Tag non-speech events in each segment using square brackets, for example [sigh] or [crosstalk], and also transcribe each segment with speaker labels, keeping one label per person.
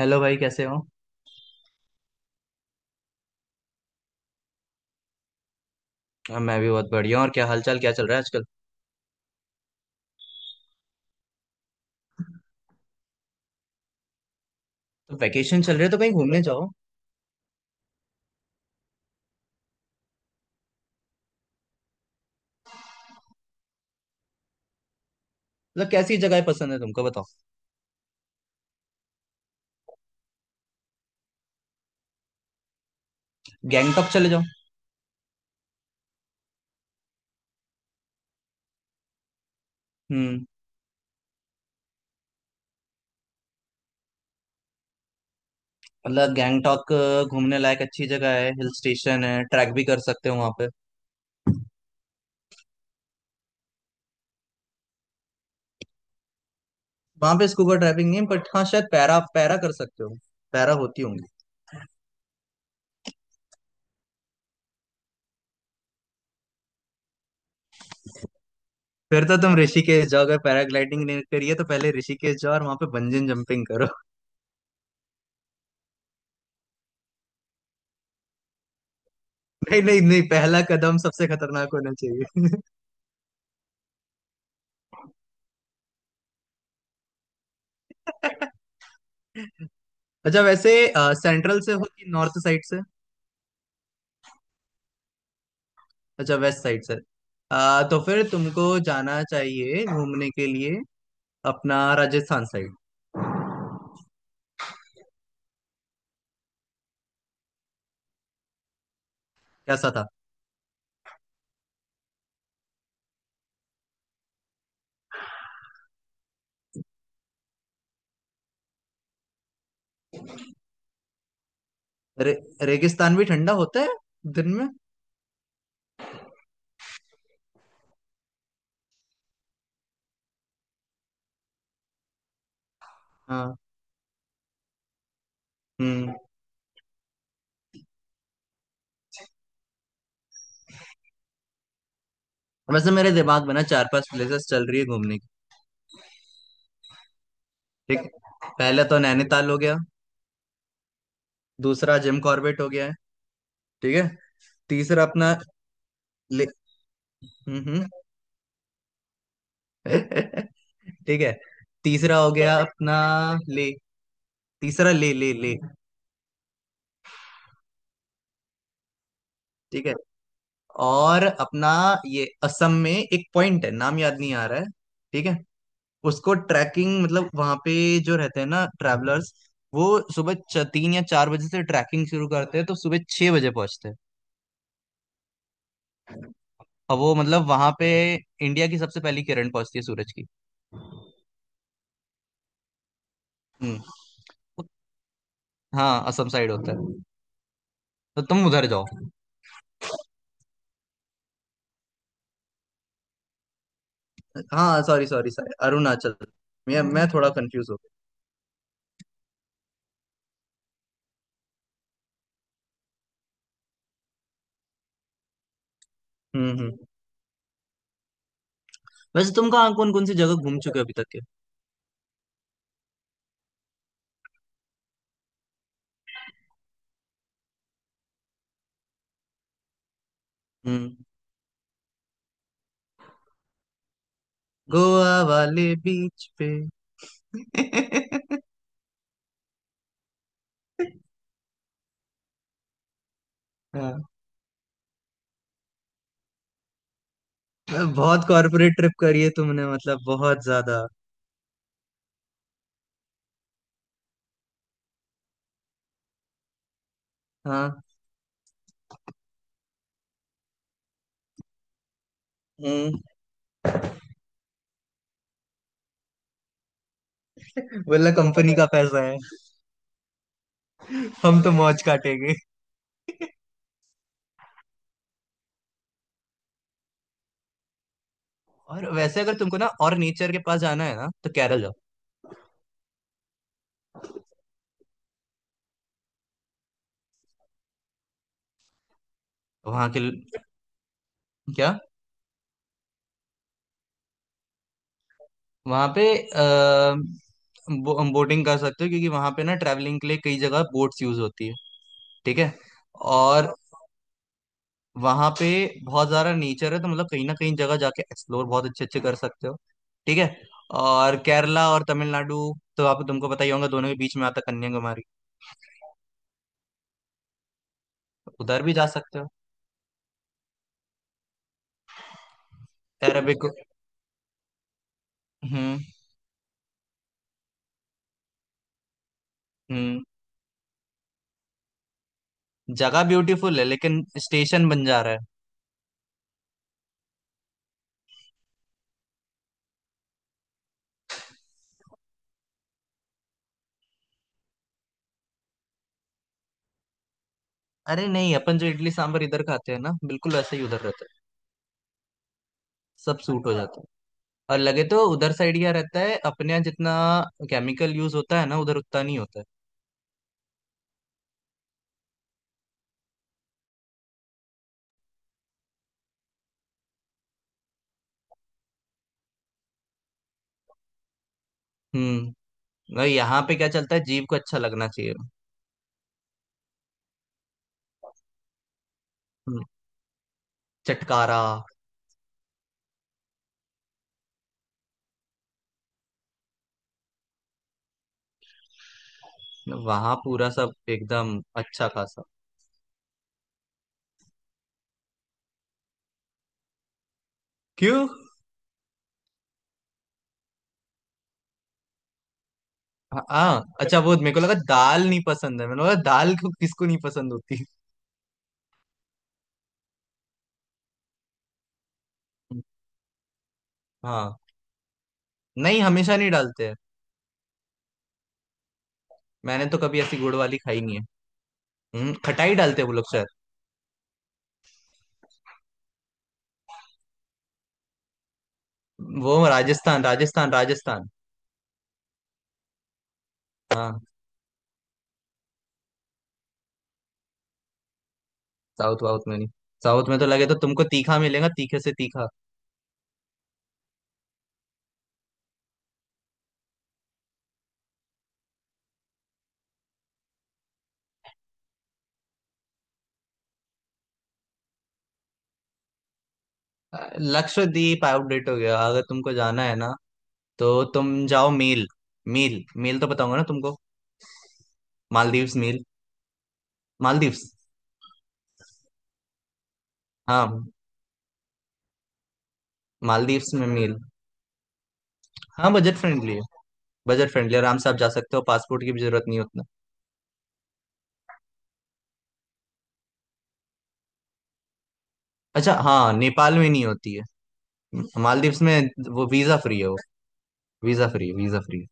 Speaker 1: Hello भाई कैसे हो। हाँ, मैं भी बहुत बढ़िया हूँ। और क्या हालचाल, क्या चल रहा है आजकल? तो वैकेशन चल रहे तो कहीं घूमने जाओ। मतलब कैसी जगह पसंद है तुमको, बताओ। गैंगटॉक चले जाओ। हम्म। मतलब गैंगटॉक घूमने लायक अच्छी जगह है, हिल स्टेशन है, ट्रैक भी कर सकते हो वहां पे। वहां पे स्कूबा ड्राइविंग नहीं, बट हाँ शायद पैरा पैरा कर सकते हो। पैरा होती होंगी। फिर तो तुम ऋषिकेश जाओ, अगर पैराग्लाइडिंग नहीं करी है तो पहले ऋषिकेश जाओ और वहां पे बंजन जंपिंग करो। [laughs] नहीं नहीं नहीं, पहला कदम सबसे खतरनाक होना चाहिए। [laughs] अच्छा वैसे सेंट्रल से हो कि नॉर्थ साइड से? अच्छा वेस्ट साइड से। तो फिर तुमको जाना चाहिए घूमने के लिए अपना राजस्थान साइड। कैसा था? रे, रेगिस्तान भी ठंडा होता है दिन में। हाँ। हम्म। वैसे मेरे दिमाग में ना चार पांच प्लेसेस चल रही है घूमने की। ठीक है, पहले तो नैनीताल हो गया। दूसरा जिम कॉर्बेट हो गया है। ठीक है, तीसरा अपना ले। हम्म हम्म। [laughs] ठीक है, तीसरा हो गया अपना ले। तीसरा ले ले ले। ठीक है। और अपना ये असम में एक पॉइंट है, नाम याद नहीं आ रहा है। ठीक है। उसको ट्रैकिंग मतलब वहां पे जो रहते हैं ना ट्रैवलर्स, वो सुबह तीन या चार बजे से ट्रैकिंग शुरू करते हैं, तो सुबह छह बजे पहुंचते हैं। और वो मतलब वहां पे इंडिया की सबसे पहली किरण पहुंचती है सूरज की। हम्म। हाँ असम साइड होता है, तो तुम उधर जाओ। हाँ सॉरी सॉरी सॉरी अरुणाचल, मैं थोड़ा कंफ्यूज हो गया। हम्म। वैसे तुम कहाँ कौन कौन सी जगह घूम चुके हो अभी तक के? हम्म। गोवा वाले बीच पे? [laughs] हाँ। बहुत कॉर्पोरेट ट्रिप करी है तुमने, मतलब बहुत ज्यादा। हाँ। हम्म। बोला कंपनी का पैसा है, हम तो मौज काटेंगे। और वैसे अगर तुमको ना और नेचर के पास जाना है ना तो केरल जाओ। वहाँ के क्या? वहाँ पे बोटिंग कर सकते हो, क्योंकि वहाँ पे ना ट्रैवलिंग के लिए कई जगह बोट्स यूज होती है। ठीक है। और वहां पे बहुत सारा नेचर है, तो मतलब कहीं ना कहीं जगह जाके एक्सप्लोर बहुत अच्छे अच्छे कर सकते हो। ठीक है। और केरला और तमिलनाडु, तो आप तुमको पता ही होगा दोनों के बीच में आता कन्याकुमारी। उधर भी जा सकते हो। अरेबिक। हम्म हम्म। जगह ब्यूटीफुल है, लेकिन स्टेशन बन जा रहा है। अरे नहीं, अपन जो इडली सांभर इधर खाते हैं ना, बिल्कुल वैसे ही उधर रहता है, सब सूट हो जाता है। और लगे तो उधर साइड क्या रहता है, अपने यहाँ जितना केमिकल यूज होता है ना, उधर उतना नहीं होता है। हम्म। और यहाँ पे क्या चलता है, जीव को अच्छा लगना चाहिए। हम्म। चटकारा। वहां पूरा सब एकदम अच्छा खासा। क्यों? हाँ हाँ, अच्छा वो मेरे को लगा दाल नहीं पसंद है, मैंने बोला दाल को किसको नहीं पसंद होती। हाँ। नहीं हमेशा नहीं डालते हैं। मैंने तो कभी ऐसी गुड़ वाली खाई नहीं है। खटाई डालते हैं वो लोग शायद। वो राजस्थान राजस्थान राजस्थान। हाँ। साउथ वाउथ में नहीं। साउथ में तो लगे तो तुमको तीखा मिलेगा, तीखे से तीखा। अ, लक्षद्वीप आउटडेट हो गया। अगर तुमको जाना है ना तो तुम जाओ मेल। मेल तो बताऊंगा ना तुमको, मालदीव्स मेल। मालदीव्स। हाँ। मालदीव्स में मील। हाँ बजट फ्रेंडली है। बजट फ्रेंडली, आराम से आप जा सकते हो, पासपोर्ट की भी जरूरत नहीं होती। अच्छा हाँ, नेपाल में नहीं होती है। मालदीव्स में वो वीजा फ्री है। वो वीजा फ्री है, वीजा फ्री है।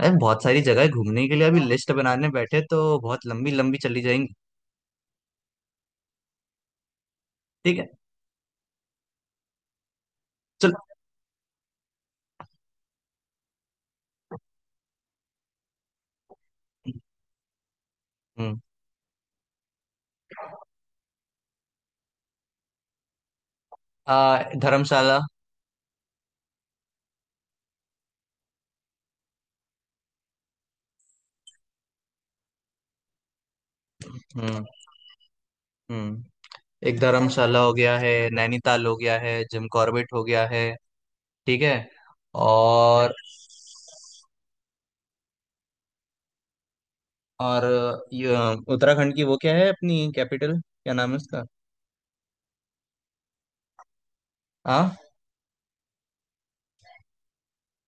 Speaker 1: अरे बहुत सारी जगह है घूमने के लिए, अभी लिस्ट बनाने बैठे तो बहुत लंबी लंबी चली जाएंगी। ठीक है। चलो। हम्म। आ, धर्मशाला। हम्म हम्म। एक धर्मशाला हो गया है, नैनीताल हो गया है, जिम कॉर्बेट हो गया है। ठीक है। और और ये उत्तराखंड की वो क्या है अपनी कैपिटल, क्या नाम है उसका? हाँ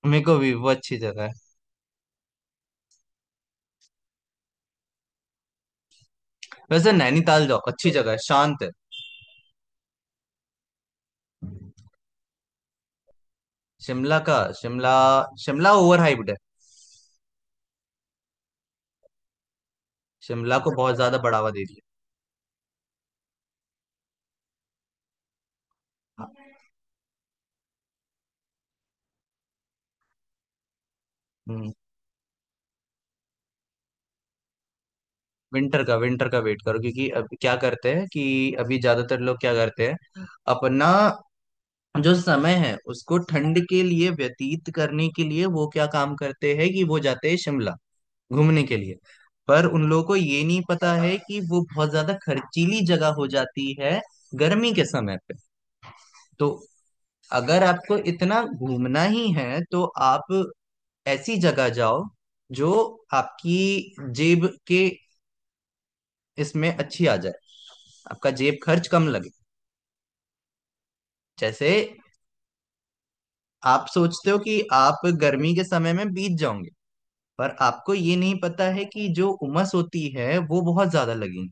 Speaker 1: मेरे को भी वो अच्छी जगह है। वैसे नैनीताल जाओ, अच्छी जगह है, शांत है। शिमला का, शिमला, शिमला ओवर हाइप्ड है। शिमला को बहुत ज्यादा बढ़ावा दे दिया। हाँ। हम्म। विंटर का, विंटर का वेट करो क्योंकि अब क्या करते हैं कि अभी ज्यादातर लोग क्या करते हैं, अपना जो समय है उसको ठंड के लिए व्यतीत करने के लिए, वो क्या काम करते हैं कि वो जाते हैं शिमला घूमने के लिए। पर उन लोगों को ये नहीं पता है कि वो बहुत ज्यादा खर्चीली जगह हो जाती है गर्मी के समय पे। तो अगर आपको इतना घूमना ही है तो आप ऐसी जगह जाओ जो आपकी जेब के इसमें अच्छी आ जाए, आपका जेब खर्च कम लगे। जैसे आप सोचते हो कि आप गर्मी के समय में बीत जाओगे, पर आपको ये नहीं पता है कि जो उमस होती है वो बहुत ज्यादा लगेगी।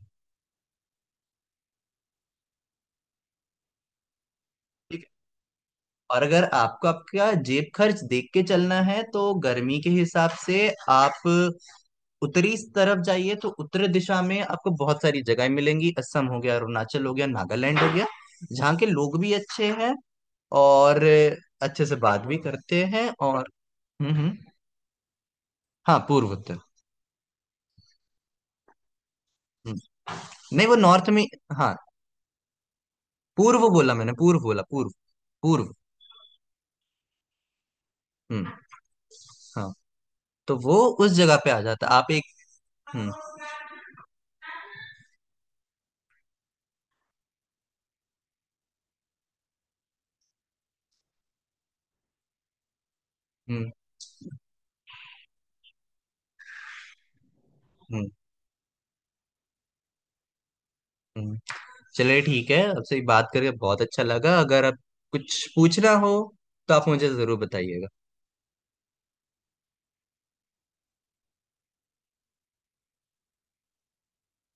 Speaker 1: और अगर आपको आपका जेब खर्च देख के चलना है तो गर्मी के हिसाब से आप उत्तरी तरफ जाइए, तो उत्तरी दिशा में आपको बहुत सारी जगह मिलेंगी। असम हो गया, अरुणाचल हो गया, नागालैंड हो गया, जहाँ के लोग भी अच्छे हैं और अच्छे से बात भी करते हैं। और हम्म। हाँ पूर्व उत्तर। हम्म, नहीं वो नॉर्थ में। हाँ पूर्व बोला मैंने, पूर्व बोला, पूर्व, पूर्व। हम्म। हाँ तो वो उस जगह पे आ जाता आप एक। हम्म हम्म। हम्म हम्म। चलिए ठीक है, आपसे बात करके बहुत अच्छा लगा। अगर आप कुछ पूछना हो तो आप मुझे जरूर बताइएगा।